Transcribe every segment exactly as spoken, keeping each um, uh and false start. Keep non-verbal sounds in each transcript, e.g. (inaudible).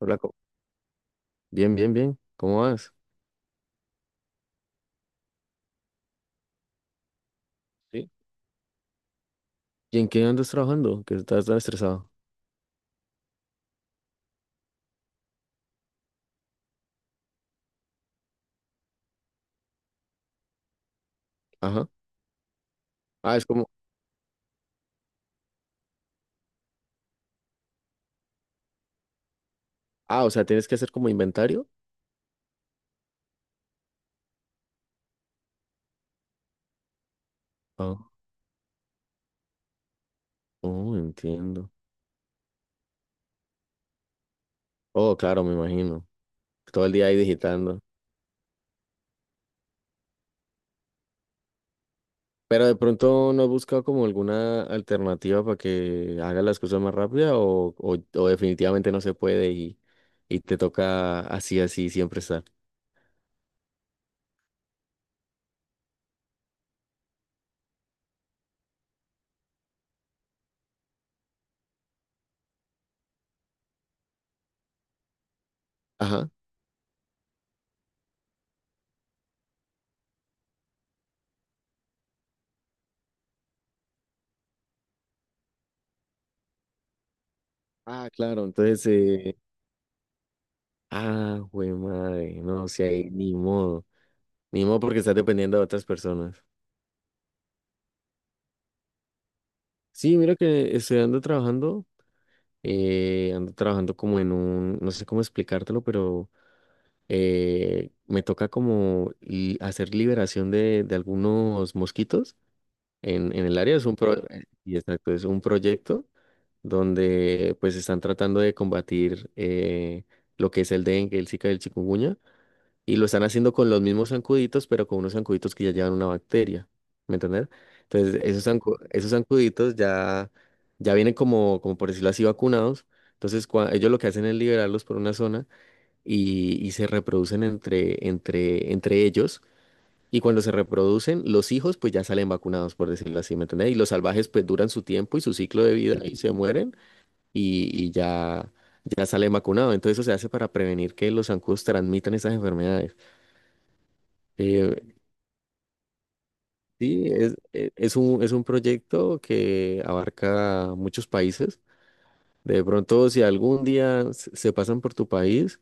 Hola, co- bien, bien, bien. ¿Cómo vas? Sí, ¿y en qué andas trabajando? Que estás tan estresado. Ajá. Ah, es como, ah, o sea, tienes que hacer como inventario. Ah, oh, entiendo. Oh, claro, me imagino. Todo el día ahí digitando. Pero de pronto no has buscado como alguna alternativa para que haga las cosas más rápida o, o, o definitivamente no se puede y, y te toca así, así siempre estar. Ajá. Ah, claro. Entonces, eh, Ah, güey, madre. No, si ahí ni modo. Ni modo porque estás dependiendo de otras personas. Sí, mira que estoy ando trabajando. Eh, ando trabajando como en un. No sé cómo explicártelo, pero eh, me toca como li- hacer liberación de, de algunos mosquitos en, en el área. Es un pro, eh, y exacto, es un proyecto donde pues están tratando de combatir eh, lo que es el dengue, el Zika y el chikungunya. Y lo están haciendo con los mismos zancuditos, pero con unos zancuditos que ya llevan una bacteria. ¿Me entendés? Entonces, esos, zancu- esos zancuditos ya, ya vienen como, como, por decirlo así, vacunados. Entonces, cua- ellos lo que hacen es liberarlos por una zona y, y se reproducen entre, entre, entre ellos. Y cuando se reproducen, los hijos pues ya salen vacunados, por decirlo así, ¿me entendés? Y los salvajes pues duran su tiempo y su ciclo de vida y se mueren y, y ya, ya salen vacunados. Entonces, eso se hace para prevenir que los zancudos transmitan esas enfermedades. Eh, Sí, es, e- es un, es un proyecto que abarca muchos países. De pronto, si algún día se se pasan por tu país,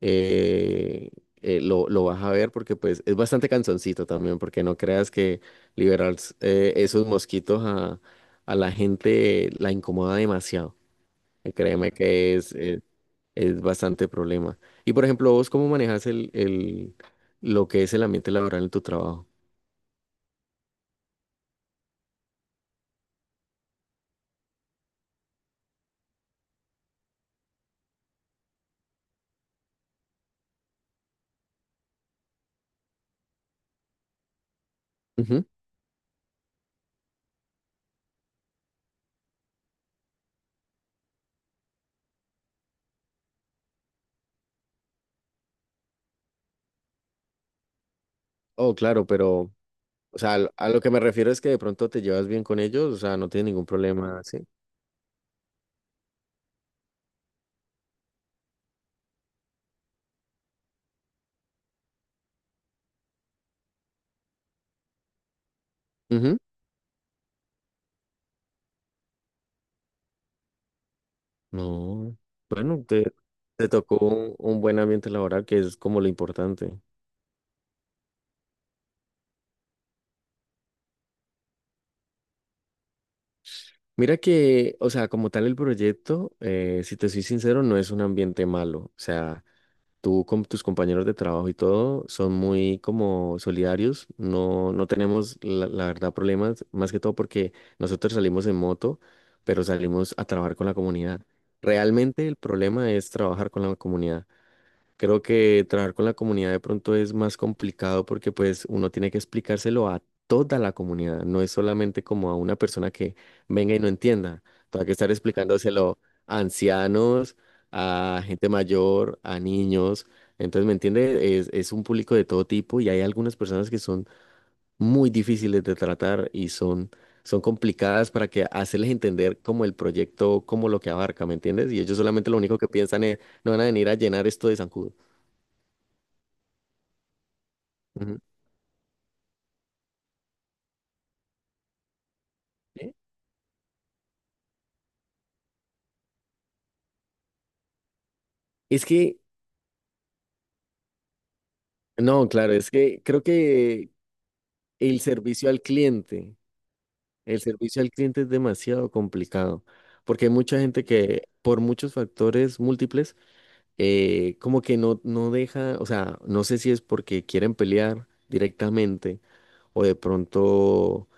eh, eh, lo, lo vas a ver porque pues es bastante cansoncito también, porque no creas que liberar s- eh, esos mosquitos a, a la gente la incomoda demasiado. Eh, créeme que es, eh, es bastante problema. Y por ejemplo, vos, ¿cómo manejas el, el, lo que es el ambiente laboral en tu trabajo? Ujú. Oh, claro, pero... O sea, al- a lo que me refiero es que de pronto te llevas bien con ellos, o sea, no tienes ningún problema, ¿sí? Ujú. No. Bueno, te, Te tocó un, un buen ambiente laboral, que es como lo importante. Mira que, o sea, como tal el proyecto, eh, si te soy sincero, no es un ambiente malo. O sea, tú con tus compañeros de trabajo y todo son muy como solidarios, no, no tenemos la, la verdad problemas, más que todo porque nosotros salimos en moto, pero salimos a trabajar con la comunidad. Realmente el problema es trabajar con la comunidad. Creo que trabajar con la comunidad de pronto es más complicado porque pues uno tiene que explicárselo a toda la comunidad, no es solamente como a una persona que venga y no entienda, tengo que estar explicándoselo a ancianos, a gente mayor, a niños, entonces, ¿me entiende? Es, es un público de todo tipo y hay algunas personas que son muy difíciles de tratar y son, son complicadas para que hacerles entender como el proyecto, como lo que abarca, ¿me entiendes? Y ellos solamente lo único que piensan es, no van a venir a llenar esto de zancudo. Ujú. ¿Eh? Es que, no, claro, es que creo que el servicio al cliente, el servicio al cliente es demasiado complicado, porque hay mucha gente que por muchos factores múltiples, eh, como que no, no deja, o sea, no sé si es porque quieren pelear directamente o de pronto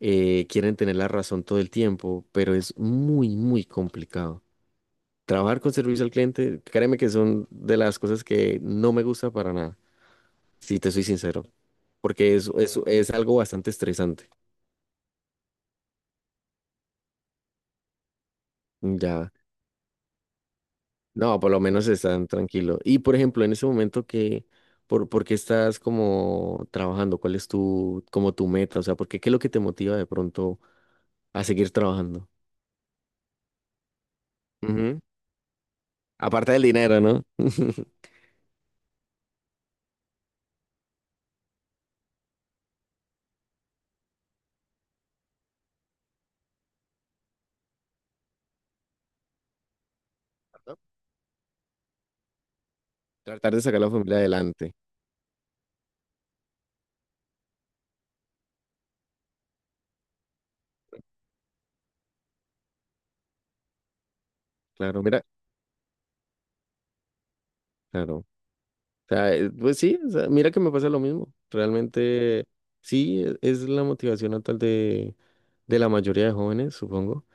eh, quieren tener la razón todo el tiempo, pero es muy, muy complicado. Trabajar con servicio al cliente, créeme que son de las cosas que no me gusta para nada, si te soy sincero. Porque es, es, es algo bastante estresante. Ya, no, por lo menos están tranquilos. Y por ejemplo, en ese momento que, por, ¿por qué estás como trabajando? ¿Cuál es tu, como tu meta? O sea, ¿por qué, ¿qué es lo que te motiva de pronto a seguir trabajando? Ujú. Aparte del dinero, ¿no? (laughs) ¿No? Tratar de sacar a la familia adelante. Claro, mira, claro. O sea, eh, pues sí, o sea, mira que me pasa lo mismo. Realmente sí, e- es la motivación actual de, de la mayoría de jóvenes, supongo.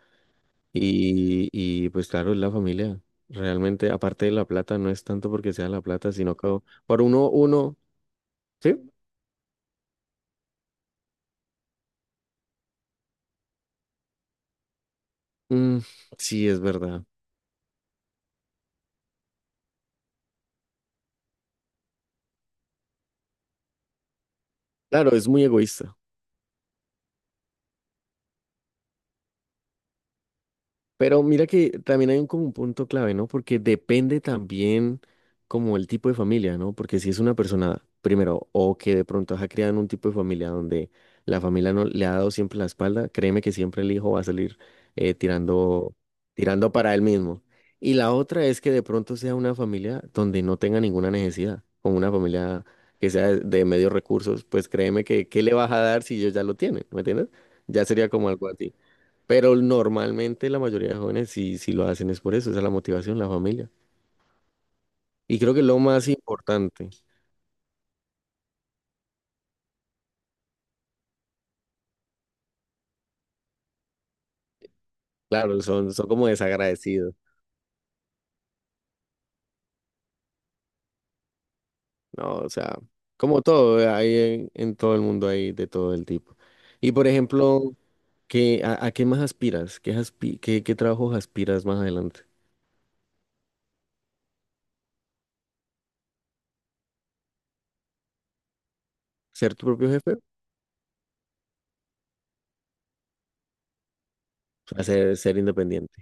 Y, y pues claro, es la familia. Realmente, aparte de la plata, no es tanto porque sea la plata, sino que por uno, uno, ¿sí? Mm, sí, es verdad. Claro, es muy egoísta. Pero mira que también hay un, como un punto clave, ¿no? Porque depende también como el tipo de familia, ¿no? Porque si es una persona, primero, o que de pronto ha criado en un tipo de familia donde la familia no le ha dado siempre la espalda, créeme que siempre el hijo va a salir eh, tirando, tirando para él mismo. Y la otra es que de pronto sea una familia donde no tenga ninguna necesidad, como una familia que sea de, de medios recursos, pues créeme que ¿qué le vas a dar si ellos ya lo tienen? ¿Me entiendes? Ya sería como algo así. Pero normalmente la mayoría de jóvenes sí, sí lo hacen, es por eso, esa es la motivación, la familia. Y creo que lo más importante, claro, son, son como desagradecidos, ¿no? O sea, como todo, eh, hay en, en todo el mundo hay de todo el tipo. Y por ejemplo, ¿qué, a, a qué más aspiras? ¿Qué, aspi- qué, qué trabajos aspiras más adelante? ¿Ser tu propio jefe? O sea, ser, ser independiente.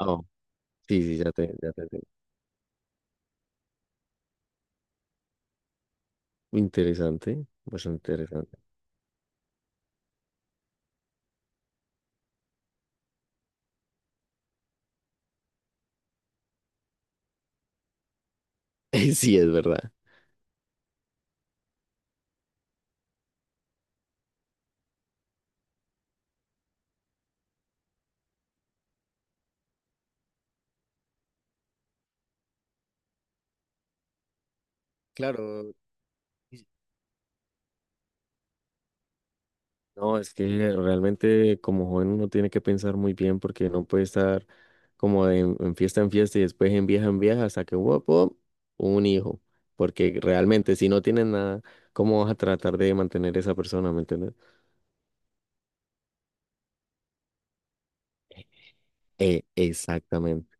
Oh, sí, sí, ya te, ya te entiendo. Interesante, bastante interesante. (laughs) Sí, es verdad. Claro. No, es que realmente como joven uno tiene que pensar muy bien porque no puede estar como de en, en fiesta en fiesta y después en vieja en vieja hasta que wop, wop, un hijo. Porque realmente si no tienes nada, ¿cómo vas a tratar de mantener esa persona? ¿Me entiendes? Eh, exactamente.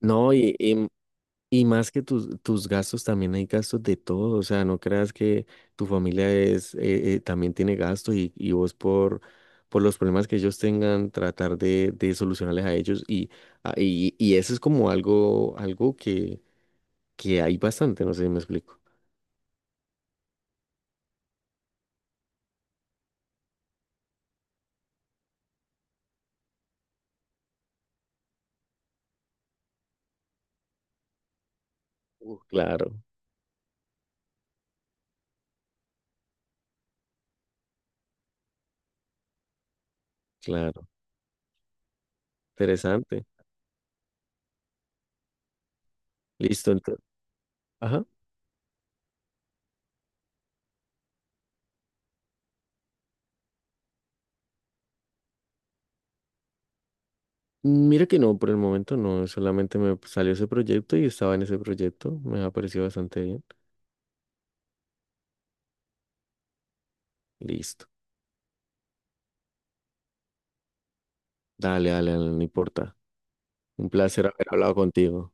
No, y, Y más que tus, tus gastos, también hay gastos de todo. O sea, no creas que tu familia es, eh, eh, también tiene gastos y, y vos por, por los problemas que ellos tengan, tratar de, de solucionarles a ellos. Y, a- y, y eso es como algo, algo que, que hay bastante, no sé si me explico. Uf, claro, claro. Interesante. Listo, entonces. Ajá. Mira que no, por el momento no, solamente me salió ese proyecto y estaba en ese proyecto. Me ha parecido bastante bien. Listo. Dale, dale, dale, no importa. Un placer haber hablado contigo.